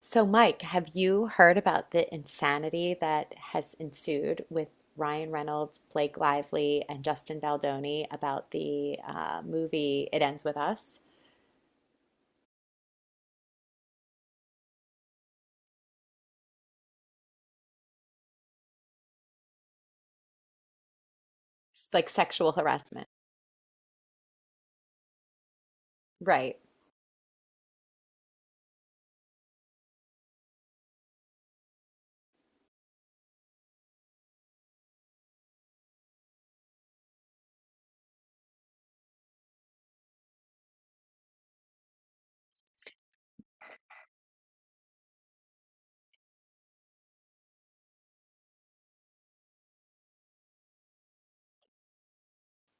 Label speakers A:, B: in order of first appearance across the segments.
A: So, Mike, have you heard about the insanity that has ensued with Ryan Reynolds, Blake Lively, and Justin Baldoni about the movie It Ends With Us? It's like sexual harassment. Right.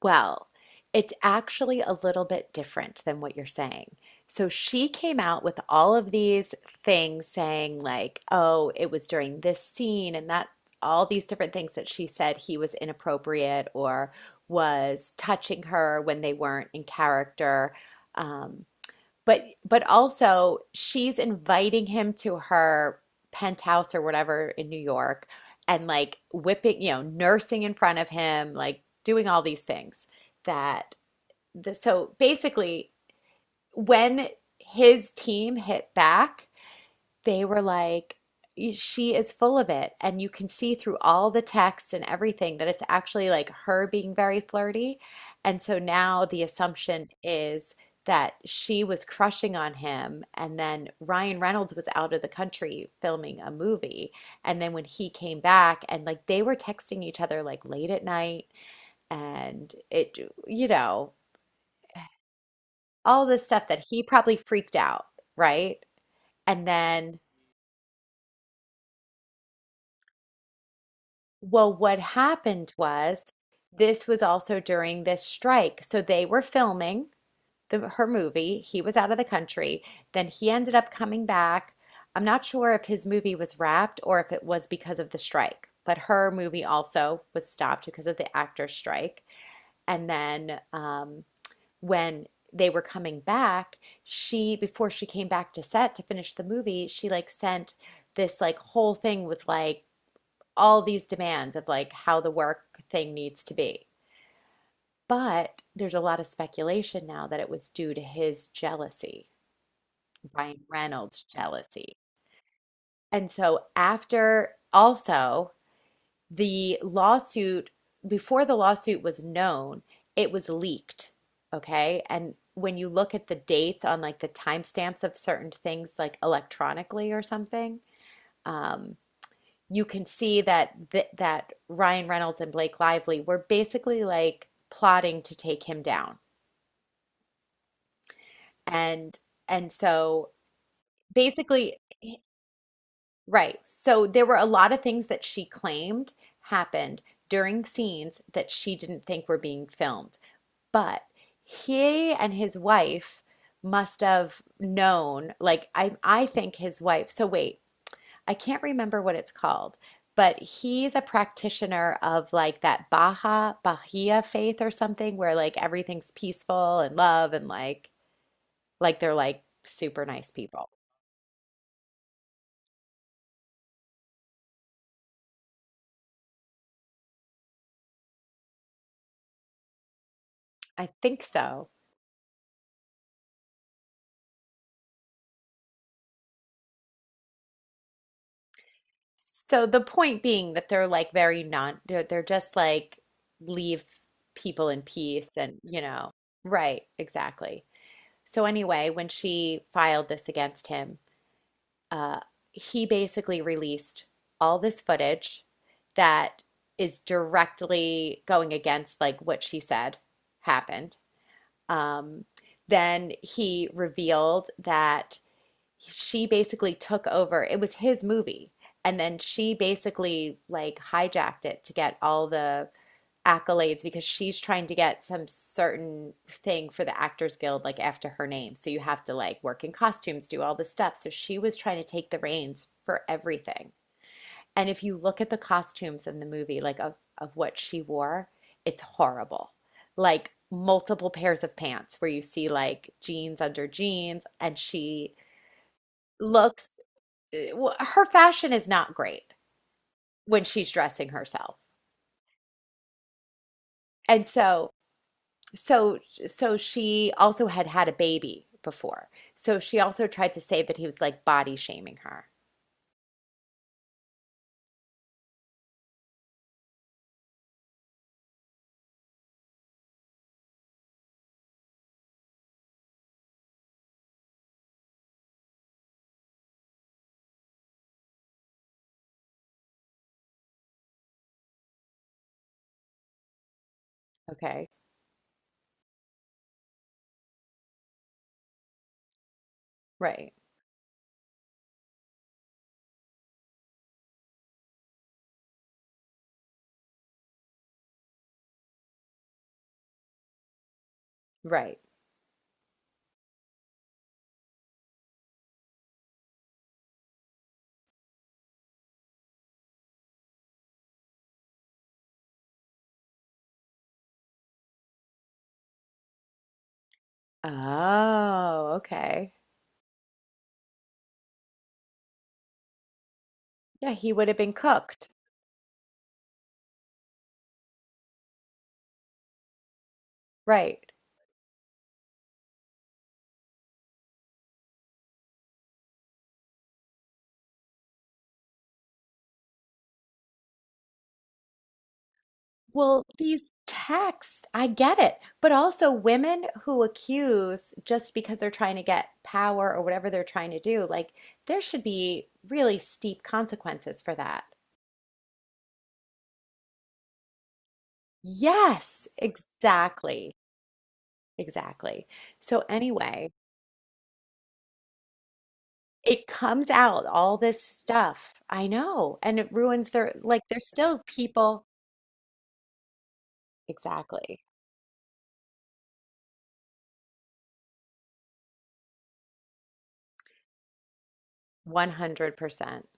A: Well, it's actually a little bit different than what you're saying. So she came out with all of these things saying, like, oh, it was during this scene and that, all these different things that she said he was inappropriate or was touching her when they weren't in character. Um, but also she's inviting him to her penthouse or whatever in New York and like whipping, you know, nursing in front of him, like doing all these things that so basically when his team hit back, they were like, she is full of it. And you can see through all the texts and everything that it's actually like her being very flirty. And so now the assumption is that she was crushing on him. And then Ryan Reynolds was out of the country filming a movie. And then when he came back, and like they were texting each other like late at night, and it, you know, all this stuff that he probably freaked out, right? And then well, what happened was this was also during this strike. So they were filming her movie. He was out of the country. Then he ended up coming back. I'm not sure if his movie was wrapped or if it was because of the strike, but her movie also was stopped because of the actor's strike. And then when they were coming back, she, before she came back to set to finish the movie, she like sent this like whole thing with like, all these demands of like how the work thing needs to be. But there's a lot of speculation now that it was due to his jealousy, Ryan Reynolds' jealousy. And so, after also the lawsuit, before the lawsuit was known, it was leaked. Okay. And when you look at the dates on like the timestamps of certain things, like electronically or something, um, you can see that th that Ryan Reynolds and Blake Lively were basically like plotting to take him down. And and so basically, right. So there were a lot of things that she claimed happened during scenes that she didn't think were being filmed. But he and his wife must have known, like I think his wife. So wait, I can't remember what it's called, but he's a practitioner of like that Baha Bahia faith or something where like everything's peaceful and love and like they're like super nice people. I think so. So the point being that they're like very non they're just like leave people in peace and you know. Right, exactly. So anyway, when she filed this against him, uh, he basically released all this footage that is directly going against like what she said happened. Um, then he revealed that she basically took over. It was his movie, and then she basically like hijacked it to get all the accolades because she's trying to get some certain thing for the Actors Guild, like after her name. So you have to like work in costumes, do all this stuff. So she was trying to take the reins for everything. And if you look at the costumes in the movie, like of what she wore, it's horrible. Like multiple pairs of pants where you see like jeans under jeans, and she looks, eh, well, her fashion is not great when she's dressing herself. And so so, so she also had a baby before. So she also tried to say that he was like body shaming her. Okay. Right. Right. Oh, okay. Yeah, he would have been cooked. Right. Well, these texts, I get it. But also women who accuse just because they're trying to get power or whatever they're trying to do, like there should be really steep consequences for that. Yes, exactly. Exactly. So anyway, it comes out, all this stuff. I know. And it ruins their, like, there's still people. Exactly. 100%.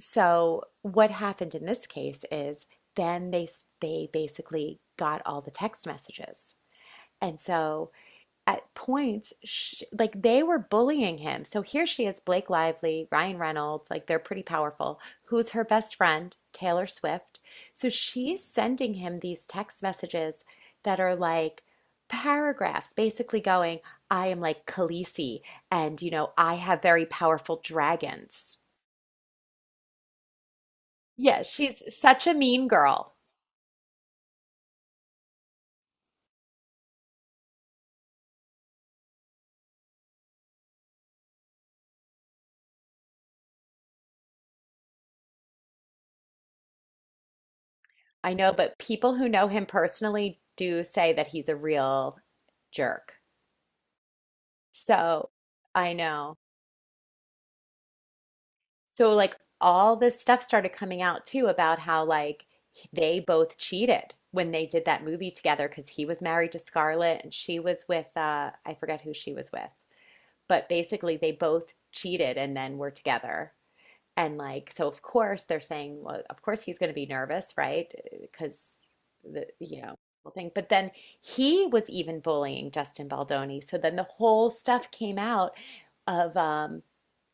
A: So what happened in this case is then they basically got all the text messages. And so at points, sh like they were bullying him. So here she is, Blake Lively, Ryan Reynolds, like they're pretty powerful. Who's her best friend? Taylor Swift. So she's sending him these text messages that are like paragraphs, basically going, I am like Khaleesi, and you know, I have very powerful dragons. Yeah, she's such a mean girl. I know, but people who know him personally do say that he's a real jerk. So I know. So like all this stuff started coming out too about how like they both cheated when they did that movie together because he was married to Scarlett and she was with I forget who she was with. But basically they both cheated and then were together. And like so of course they're saying well of course he's going to be nervous, right? Because the whole thing. But then he was even bullying Justin Baldoni. So then the whole stuff came out of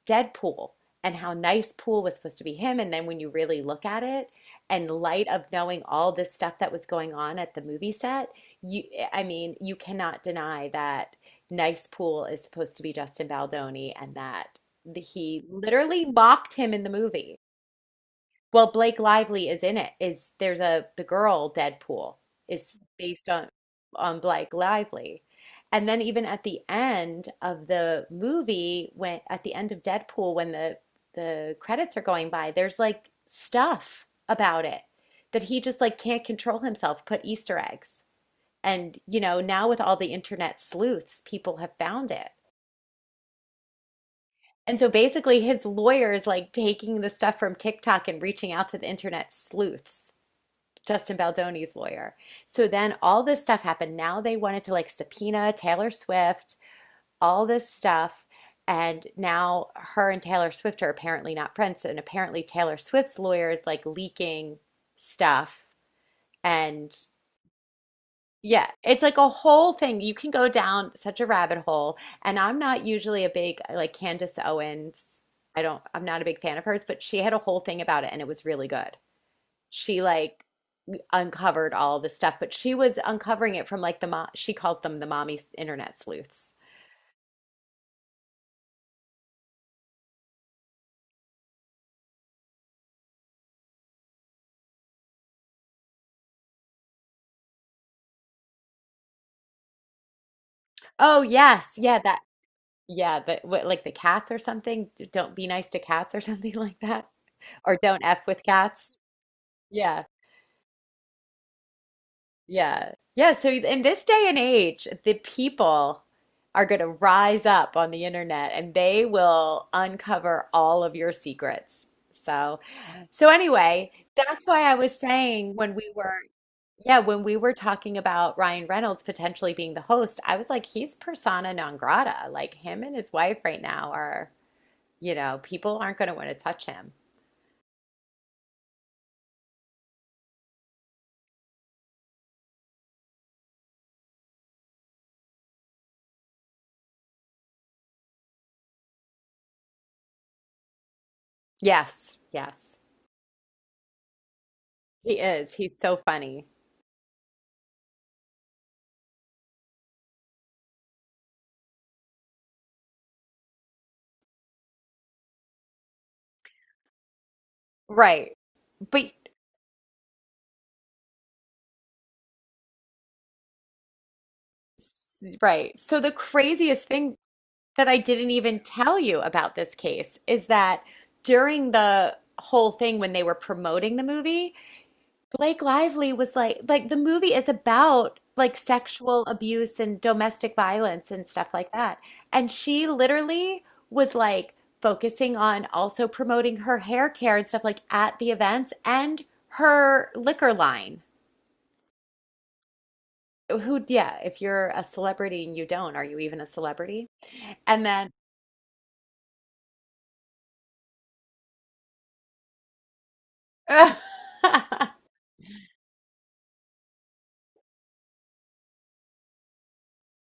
A: Deadpool and how nice Pool was supposed to be him. And then when you really look at it, and light of knowing all this stuff that was going on at the movie set, you, I mean, you cannot deny that nice Pool is supposed to be Justin Baldoni and that he literally mocked him in the movie. Well, Blake Lively is in it. Is there's a the girl Deadpool is based on Blake Lively. And then even at the end of the movie, when at the end of Deadpool, when the credits are going by, there's like stuff about it that he just like can't control himself, put Easter eggs. And you know, now with all the internet sleuths, people have found it. And so basically his lawyer is like taking the stuff from TikTok and reaching out to the internet sleuths Justin Baldoni's lawyer. So then all this stuff happened. Now they wanted to like subpoena Taylor Swift, all this stuff. And now her and Taylor Swift are apparently not friends. And apparently Taylor Swift's lawyer is like leaking stuff. And yeah, it's like a whole thing. You can go down such a rabbit hole. And I'm not usually a big, like Candace Owens, I don't, I'm not a big fan of hers, but she had a whole thing about it and it was really good. She like uncovered all this stuff, but she was uncovering it from like the mom, she calls them the mommy internet sleuths. Oh, yes. Yeah, that, yeah, but what, like the cats or something? Don't be nice to cats or something like that. Or don't F with cats. Yeah, yeah. Yeah, so in this day and age, the people are going to rise up on the internet and they will uncover all of your secrets. So, so anyway, that's why I was saying when we were yeah, when we were talking about Ryan Reynolds potentially being the host, I was like, he's persona non grata. Like him and his wife right now are, you know, people aren't going to want to touch him. Yes, yes. He is. He's so funny. Right. But right. So the craziest thing that I didn't even tell you about this case is that during the whole thing when they were promoting the movie, Blake Lively was like the movie is about like sexual abuse and domestic violence and stuff like that. And she literally was like focusing on also promoting her hair care and stuff like at the events and her liquor line. Who, yeah, if you're a celebrity and you don't, are you even a celebrity? And then,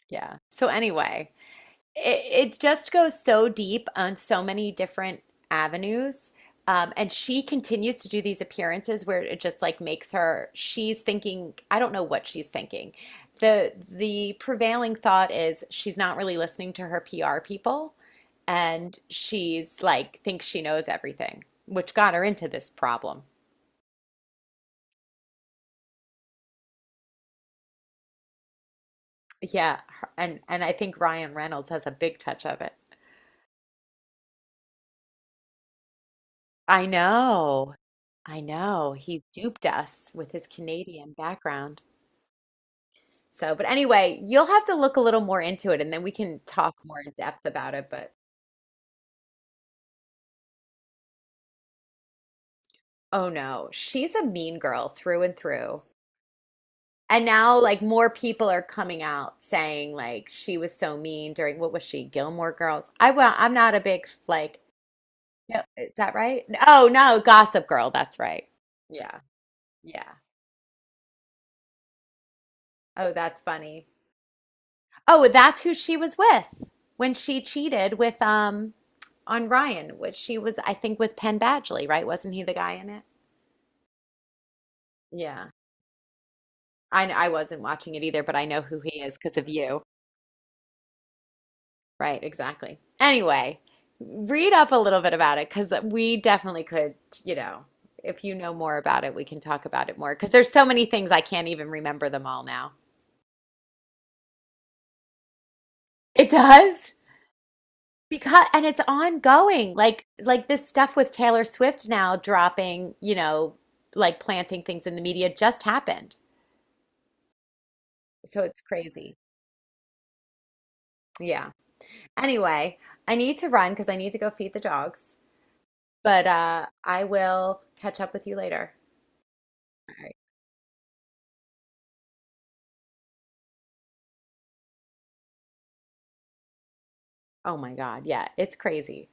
A: yeah. So anyway, it just goes so deep on so many different avenues. And she continues to do these appearances where it just like makes her, she's thinking, I don't know what she's thinking. The prevailing thought is she's not really listening to her PR people and she's like thinks she knows everything, which got her into this problem. Yeah, and I think Ryan Reynolds has a big touch of it. I know. I know. He duped us with his Canadian background. So, but anyway, you'll have to look a little more into it and then we can talk more in depth about it. But oh no, she's a mean girl through and through. And now, like, more people are coming out saying, like, she was so mean during what was she, Gilmore Girls? I well, I'm not a big, like, no, is that right? Oh no, Gossip Girl. That's right. Yeah. Yeah. Oh, that's funny. Oh, that's who she was with when she cheated with on Ryan, which she was, I think, with Penn Badgley, right? Wasn't he the guy in it? Yeah. I wasn't watching it either, but I know who he is because of you. Right, exactly. Anyway, read up a little bit about it because we definitely could, you know, if you know more about it, we can talk about it more because there's so many things I can't even remember them all now. It does? Because and it's ongoing like this stuff with Taylor Swift now dropping you know like planting things in the media just happened so it's crazy. Yeah, anyway, I need to run because I need to go feed the dogs but I will catch up with you later. All right. Oh my God, yeah, it's crazy.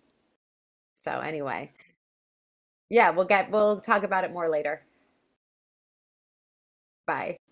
A: So anyway, yeah, we'll get we'll talk about it more later. Bye.